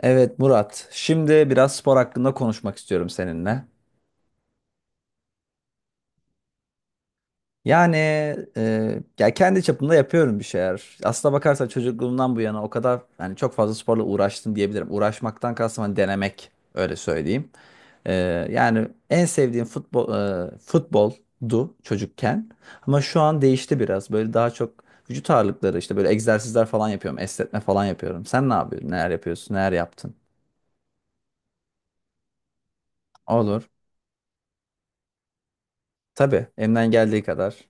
Evet Murat, şimdi biraz spor hakkında konuşmak istiyorum seninle. Yani ya kendi çapımda yapıyorum bir şeyler. Aslına bakarsan çocukluğumdan bu yana o kadar yani çok fazla sporla uğraştım diyebilirim. Uğraşmaktan kastım hani denemek öyle söyleyeyim. E, yani en sevdiğim futboldu çocukken. Ama şu an değişti biraz. Böyle daha çok vücut ağırlıkları işte böyle egzersizler falan yapıyorum, esnetme falan yapıyorum. Sen ne yapıyorsun? Neler yapıyorsun? Neler yaptın? Olur. Tabii elimden geldiği kadar.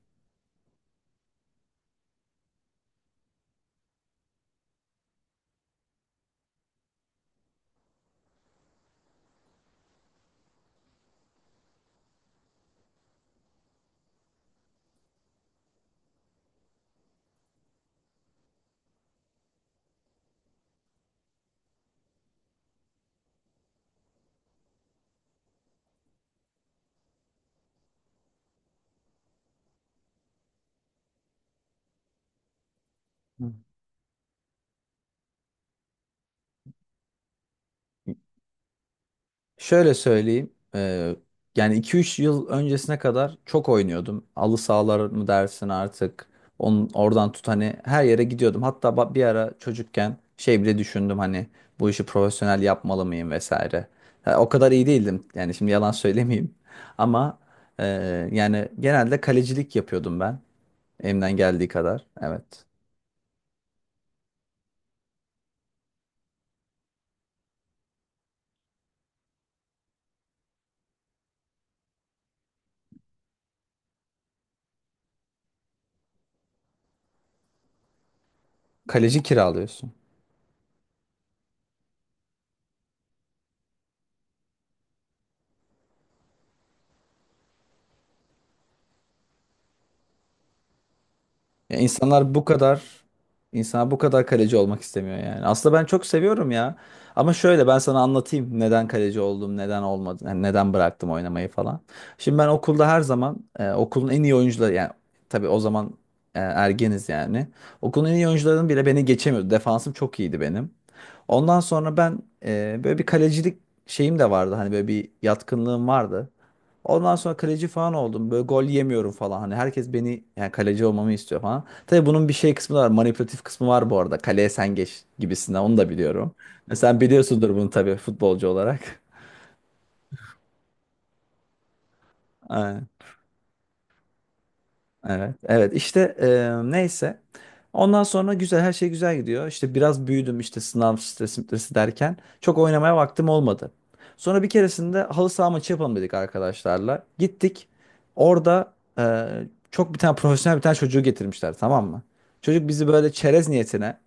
Hı. Şöyle söyleyeyim. Yani iki üç yıl öncesine kadar çok oynuyordum. Halı sahalar mı dersin artık. Oradan tut hani her yere gidiyordum. Hatta bir ara çocukken şey bile düşündüm hani bu işi profesyonel yapmalı mıyım vesaire. Ha, o kadar iyi değildim. Yani şimdi yalan söylemeyeyim. Ama yani genelde kalecilik yapıyordum ben. Elimden geldiği kadar. Evet. Kaleci kiralıyorsun. Ya insanlar bu kadar insan bu kadar kaleci olmak istemiyor yani. Aslında ben çok seviyorum ya. Ama şöyle ben sana anlatayım neden kaleci oldum, neden olmadı, yani neden bıraktım oynamayı falan. Şimdi ben okulda her zaman okulun en iyi oyuncuları yani tabii o zaman ergeniz yani. Okulun en iyi oyuncularının bile beni geçemiyordu. Defansım çok iyiydi benim. Ondan sonra ben böyle bir kalecilik şeyim de vardı. Hani böyle bir yatkınlığım vardı. Ondan sonra kaleci falan oldum. Böyle gol yemiyorum falan. Hani herkes beni yani kaleci olmamı istiyor falan. Tabii bunun bir şey kısmı da var. Manipülatif kısmı var bu arada. Kaleye sen geç gibisinden onu da biliyorum. E sen biliyorsundur bunu tabii futbolcu olarak. Aynen. Evet, evet işte neyse. Ondan sonra güzel her şey güzel gidiyor. İşte biraz büyüdüm işte sınav stresi derken çok oynamaya vaktim olmadı. Sonra bir keresinde halı saha maçı yapalım dedik arkadaşlarla. Gittik. Orada e, çok bir tane profesyonel bir tane çocuğu getirmişler, tamam mı? Çocuk bizi böyle çerez niyetine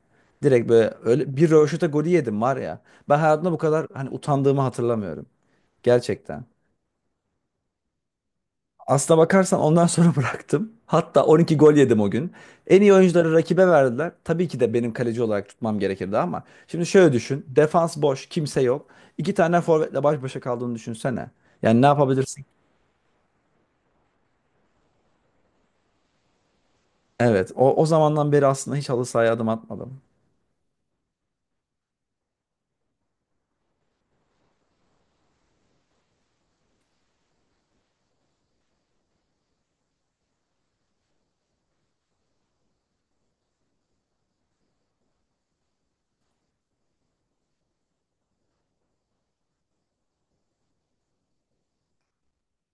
direkt böyle öyle bir rövaşata golü yedim var ya. Ben hayatımda bu kadar hani utandığımı hatırlamıyorum. Gerçekten. Aslına bakarsan ondan sonra bıraktım. Hatta 12 gol yedim o gün. En iyi oyuncuları rakibe verdiler. Tabii ki de benim kaleci olarak tutmam gerekirdi ama. Şimdi şöyle düşün. Defans boş, kimse yok. İki tane forvetle baş başa kaldığını düşünsene. Yani ne yapabilirsin? Evet. O zamandan beri aslında hiç halı sahaya adım atmadım.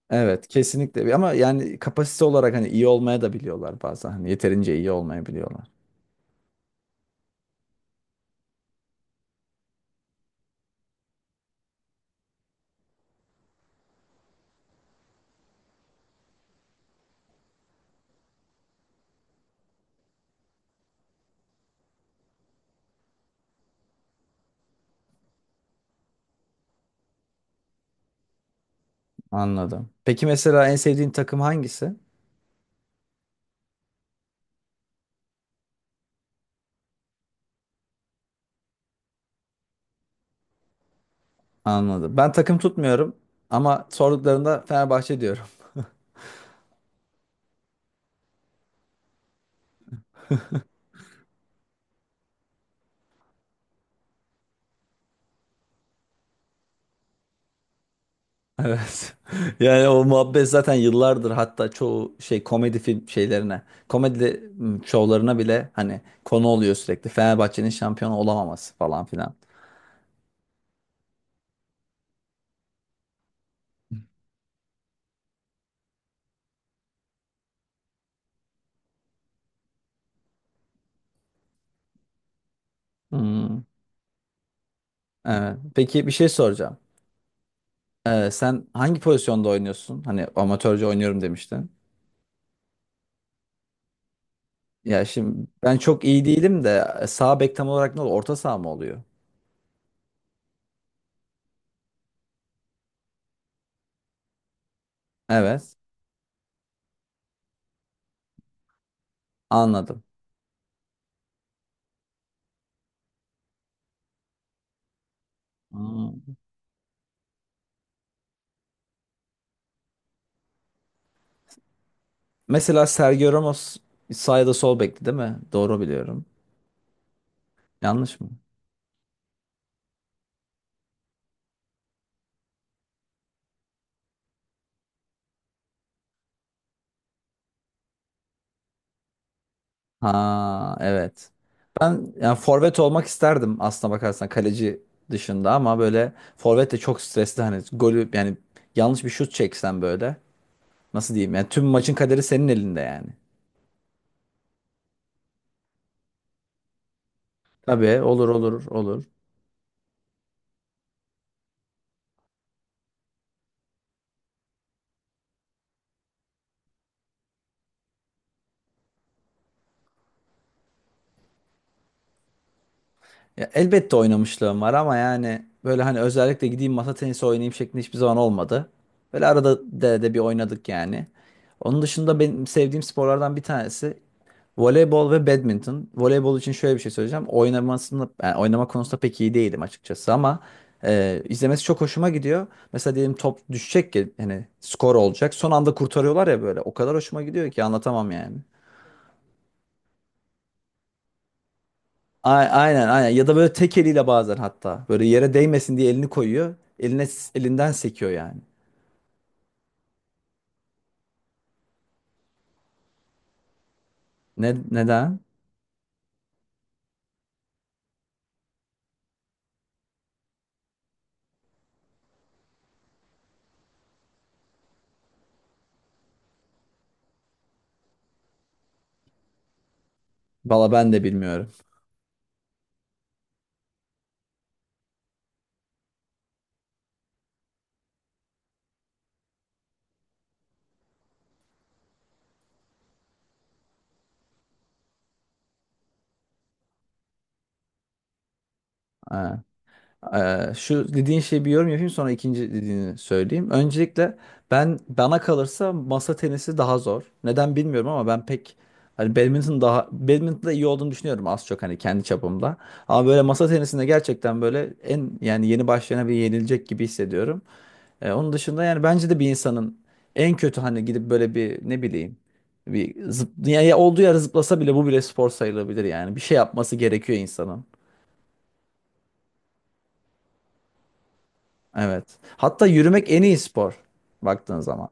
Evet, kesinlikle. Ama yani kapasite olarak hani iyi olmaya da biliyorlar bazen. Hani yeterince iyi olmayabiliyorlar. Anladım. Peki mesela en sevdiğin takım hangisi? Anladım. Ben takım tutmuyorum ama sorduklarında Fenerbahçe diyorum. Evet. Yani o muhabbet zaten yıllardır hatta çoğu şey komedi film şeylerine, şovlarına bile hani konu oluyor sürekli. Fenerbahçe'nin şampiyon olamaması falan filan. Hmm, evet. Peki bir şey soracağım. Sen hangi pozisyonda oynuyorsun? Hani amatörce oynuyorum demiştin. Ya şimdi ben çok iyi değilim de sağ bek tam olarak ne oluyor? Orta saha mı oluyor? Evet. Anladım. Hmm. Mesela Sergio Ramos sağ ya da sol bekti değil mi? Doğru biliyorum. Yanlış mı? Ha evet. Ben yani forvet olmak isterdim aslına bakarsan kaleci dışında ama böyle forvet de çok stresli hani golü yani yanlış bir şut çeksen böyle nasıl diyeyim yani tüm maçın kaderi senin elinde yani. Tabii, olur olur olur. Ya elbette oynamışlığım var ama yani böyle hani özellikle gideyim masa tenisi oynayayım şeklinde hiçbir zaman olmadı. Böyle arada de bir oynadık yani. Onun dışında benim sevdiğim sporlardan bir tanesi voleybol ve badminton. Voleybol için şöyle bir şey söyleyeceğim. Yani oynama konusunda pek iyi değilim açıkçası ama izlemesi çok hoşuma gidiyor. Mesela diyelim top düşecek ki hani skor olacak. Son anda kurtarıyorlar ya böyle. O kadar hoşuma gidiyor ki anlatamam yani. Aynen, aynen, ya da böyle tek eliyle bazen hatta böyle yere değmesin diye elini koyuyor. Elinden sekiyor yani. Ne neden? Valla ben de bilmiyorum. Ha. Şu dediğin şey bir yorum yapayım sonra ikinci dediğini söyleyeyim. Öncelikle ben bana kalırsa masa tenisi daha zor. Neden bilmiyorum ama ben pek hani badminton'da iyi olduğunu düşünüyorum az çok hani kendi çapımda. Ama böyle masa tenisinde gerçekten böyle en yani yeni başlayana bir yenilecek gibi hissediyorum. Onun dışında yani bence de bir insanın en kötü hani gidip böyle bir ne bileyim ya olduğu yere zıplasa bile bu bile spor sayılabilir yani. Bir şey yapması gerekiyor insanın. Evet. Hatta yürümek en iyi spor baktığın zaman.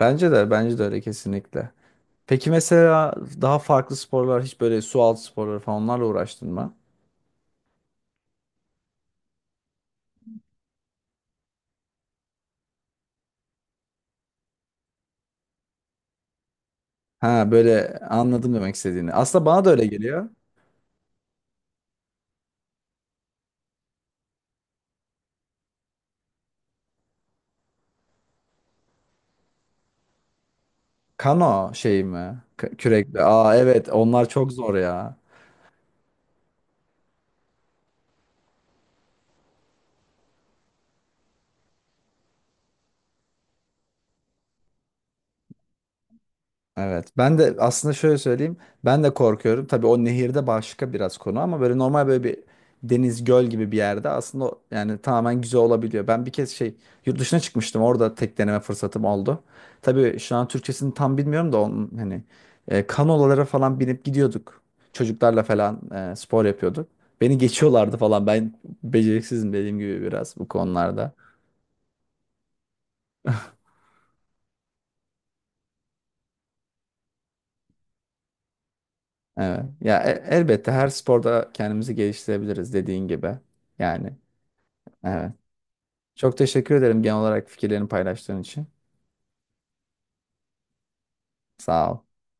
Bence de öyle kesinlikle. Peki mesela daha farklı sporlar hiç böyle su altı sporları falan onlarla uğraştın mı? Ha böyle anladım demek istediğini. Aslında bana da öyle geliyor. Kano şey mi? Kürekle. Aa evet, onlar çok zor ya. Evet. Ben de aslında şöyle söyleyeyim. Ben de korkuyorum. Tabii o nehirde başka biraz konu ama böyle normal böyle bir deniz göl gibi bir yerde aslında yani tamamen güzel olabiliyor. Ben bir kez şey yurt dışına çıkmıştım. Orada tek deneme fırsatım oldu. Tabii şu an Türkçesini tam bilmiyorum da onun hani kanolalara falan binip gidiyorduk. Çocuklarla falan spor yapıyorduk. Beni geçiyorlardı falan. Ben beceriksizim dediğim gibi biraz bu konularda. Evet. Ya elbette her sporda kendimizi geliştirebiliriz dediğin gibi. Yani. Evet. Çok teşekkür ederim genel olarak fikirlerini paylaştığın için. Sağ ol.